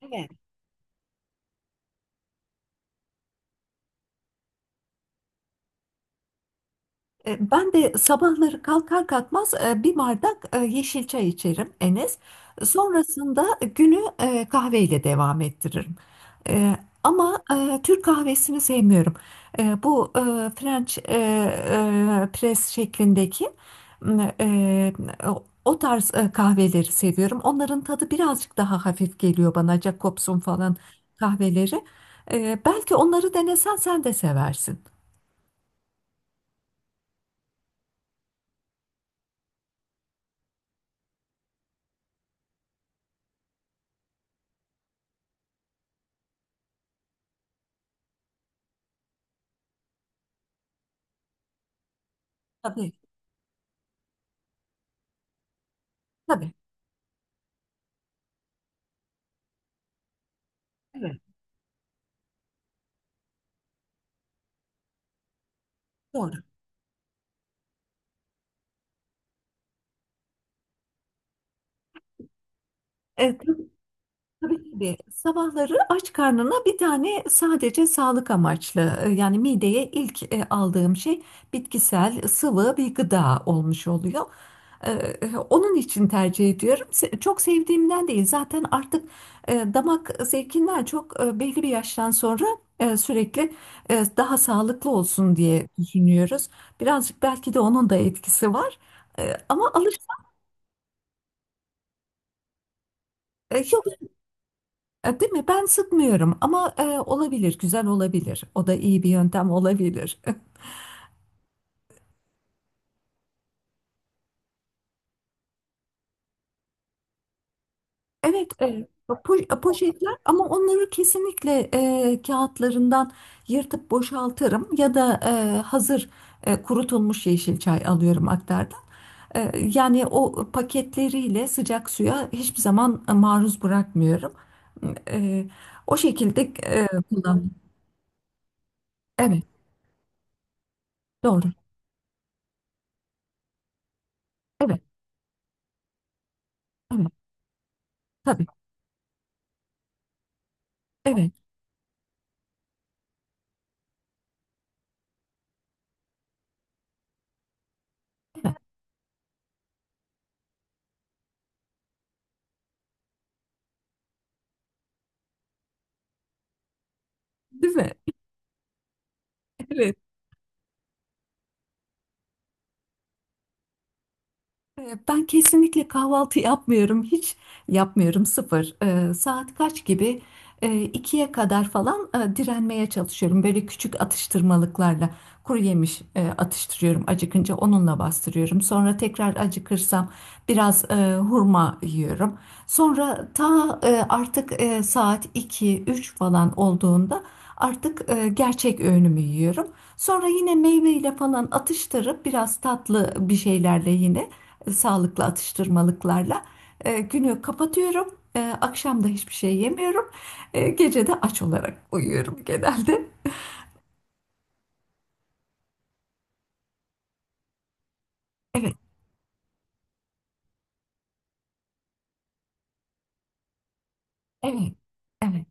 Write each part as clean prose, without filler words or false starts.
Evet. Ben de sabahları kalkar kalkmaz bir bardak yeşil çay içerim Enes. Sonrasında günü kahveyle devam ettiririm. E, Ama Türk kahvesini sevmiyorum. Bu French press şeklindeki e, o tarz kahveleri seviyorum. Onların tadı birazcık daha hafif geliyor bana. Jacobs'un falan kahveleri. Belki onları denesen sen de seversin. Tabii, tabii. Doğru. Evet, tabii, tabii, tabii. Sabahları aç karnına bir tane sadece sağlık amaçlı yani mideye ilk aldığım şey bitkisel sıvı bir gıda olmuş oluyor. Onun için tercih ediyorum. Çok sevdiğimden değil zaten artık damak zevkinden çok belli bir yaştan sonra sürekli daha sağlıklı olsun diye düşünüyoruz. Birazcık belki de onun da etkisi var. Ama yok. Değil mi? Ben sıkmıyorum ama olabilir, güzel olabilir. O da iyi bir yöntem olabilir. Evet, poşetler ama onları kesinlikle kağıtlarından yırtıp boşaltırım ya da hazır kurutulmuş yeşil çay alıyorum aktardan. Yani o paketleriyle sıcak suya hiçbir zaman maruz bırakmıyorum. E, O şekilde kullanıyorum. Evet, doğru. Evet, evet, tabii. Evet, evet. Değil mi? Evet. Ben kesinlikle kahvaltı yapmıyorum. Hiç yapmıyorum, sıfır. Saat kaç gibi? İkiye kadar falan direnmeye çalışıyorum. Böyle küçük atıştırmalıklarla kuru yemiş atıştırıyorum. Acıkınca onunla bastırıyorum. Sonra tekrar acıkırsam biraz hurma yiyorum. Sonra artık saat iki üç falan olduğunda artık gerçek öğünümü yiyorum. Sonra yine meyveyle falan atıştırıp biraz tatlı bir şeylerle yine sağlıklı atıştırmalıklarla. Günü kapatıyorum. Akşam da hiçbir şey yemiyorum. Gece de aç olarak uyuyorum genelde. Evet, evet, evet.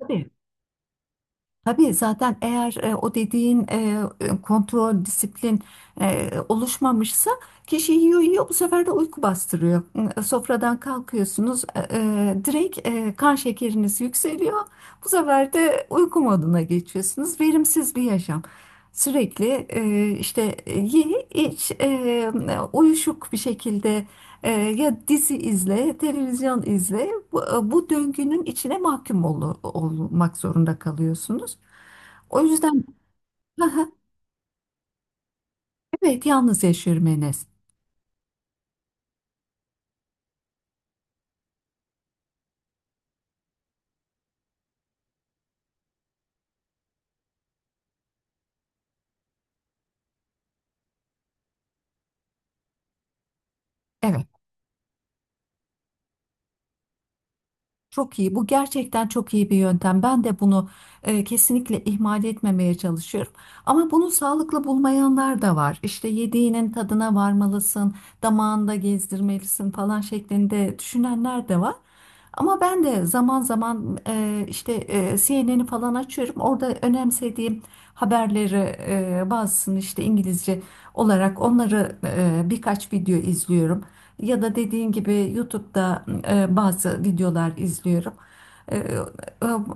Tabii. Tabii zaten eğer o dediğin kontrol, disiplin oluşmamışsa kişi yiyor yiyor, bu sefer de uyku bastırıyor. Sofradan kalkıyorsunuz, direkt kan şekeriniz yükseliyor. Bu sefer de uyku moduna geçiyorsunuz. Verimsiz bir yaşam. Sürekli işte ye iç, uyuşuk bir şekilde ya dizi izle, televizyon izle. Bu döngünün içine mahkum olmak zorunda kalıyorsunuz. O yüzden. Evet, yalnız yaşıyorum Enes. Evet. Çok iyi. Bu gerçekten çok iyi bir yöntem. Ben de bunu kesinlikle ihmal etmemeye çalışıyorum. Ama bunu sağlıklı bulmayanlar da var. İşte yediğinin tadına varmalısın, damağında gezdirmelisin falan şeklinde düşünenler de var. Ama ben de zaman zaman işte CNN'i falan açıyorum. Orada önemsediğim haberleri, bazısını işte İngilizce olarak onları birkaç video izliyorum. Ya da dediğin gibi YouTube'da bazı videolar izliyorum. E, e,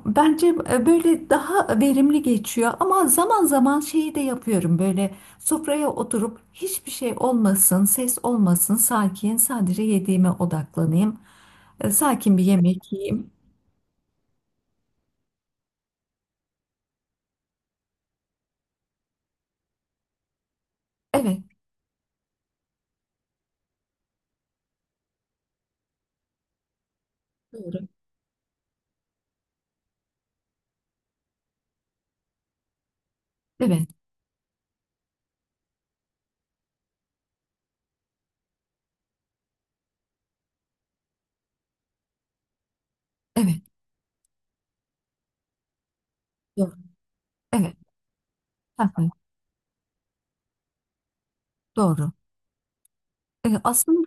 Bence böyle daha verimli geçiyor ama zaman zaman şeyi de yapıyorum, böyle sofraya oturup hiçbir şey olmasın, ses olmasın, sakin sadece yediğime odaklanayım. Sakin bir yemek yiyeyim. Evet, doğru. Evet, evet, doğru. Evet, hı hı, doğru. Aslında,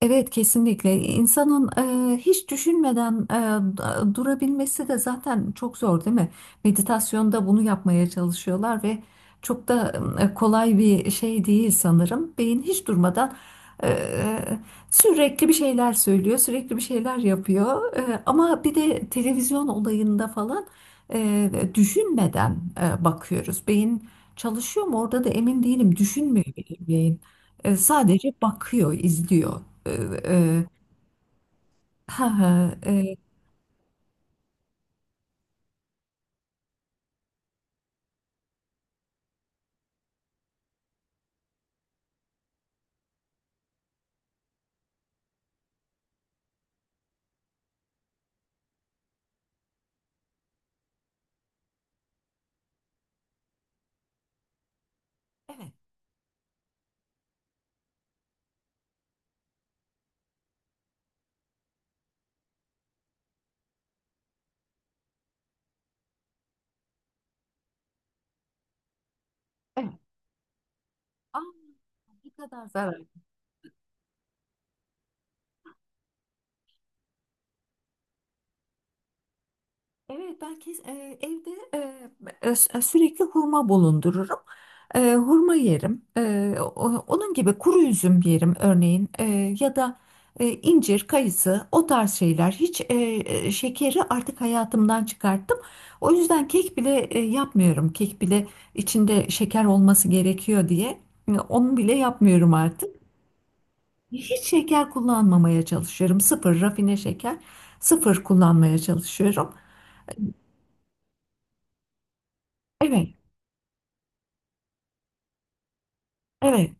evet, kesinlikle insanın hiç düşünmeden durabilmesi de zaten çok zor, değil mi? Meditasyonda bunu yapmaya çalışıyorlar ve çok da kolay bir şey değil sanırım. Beyin hiç durmadan e, sürekli bir şeyler söylüyor, sürekli bir şeyler yapıyor. Ama bir de televizyon olayında falan düşünmeden bakıyoruz. Beyin çalışıyor mu orada da emin değilim. Düşünmüyor beyin. Sadece bakıyor, izliyor. Ee, e, ha ha, evet. Evet. Aa, ne kadar zarar. Evet, ben evde e, sürekli hurma bulundururum. Hurma yerim. Onun gibi kuru üzüm yerim örneğin. Ya da incir, kayısı, o tarz şeyler. Hiç şekeri artık hayatımdan çıkarttım. O yüzden kek bile yapmıyorum. Kek bile içinde şeker olması gerekiyor diye onu bile yapmıyorum artık. Hiç şeker kullanmamaya çalışıyorum. Sıfır rafine şeker, sıfır kullanmaya çalışıyorum. Evet, evet.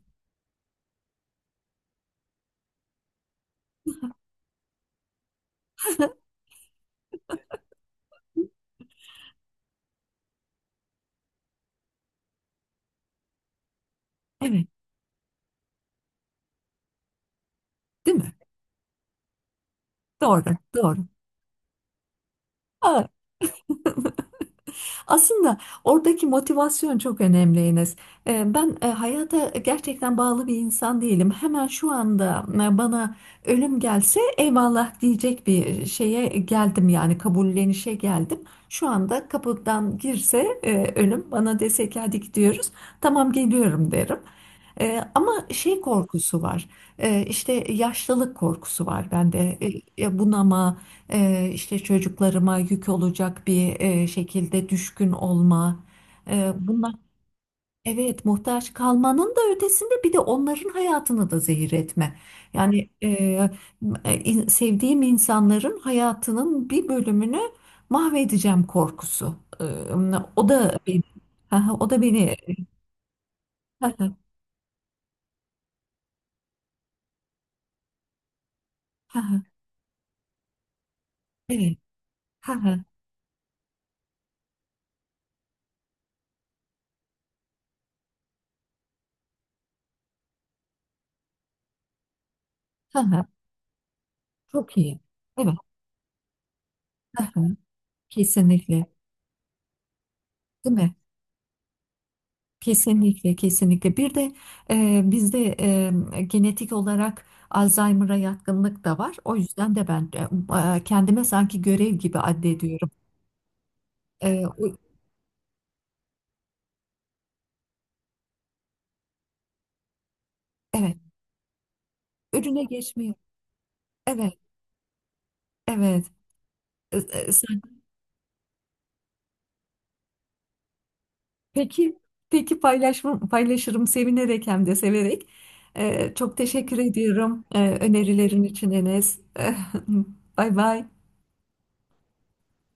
Evet, değil mi? Doğru, doğru. Evet. Aslında oradaki motivasyon çok önemli Enes. Ben hayata gerçekten bağlı bir insan değilim. Hemen şu anda bana ölüm gelse eyvallah diyecek bir şeye geldim, yani kabullenişe geldim. Şu anda kapıdan girse ölüm bana dese ki hadi gidiyoruz, tamam geliyorum derim. Ama şey korkusu var. İşte yaşlılık korkusu var bende. Bunama, işte çocuklarıma yük olacak bir şekilde düşkün olma. Bunlar, evet, muhtaç kalmanın da ötesinde bir de onların hayatını da zehir etme. Yani sevdiğim insanların hayatının bir bölümünü mahvedeceğim korkusu. O da beni, o da beni. Evet. Çok iyi. Evet. Hı hı. Kesinlikle. Değil mi? Kesinlikle, kesinlikle. Bir de bizde genetik olarak Alzheimer'a yatkınlık da var. O yüzden de ben kendime sanki görev gibi addediyorum. E, o- evet, önüne geçmeyi. Evet, evet. E, e, sen- peki, peki, paylaşırım sevinerek hem de severek. Çok teşekkür ediyorum önerilerin için Enes. Bay bay.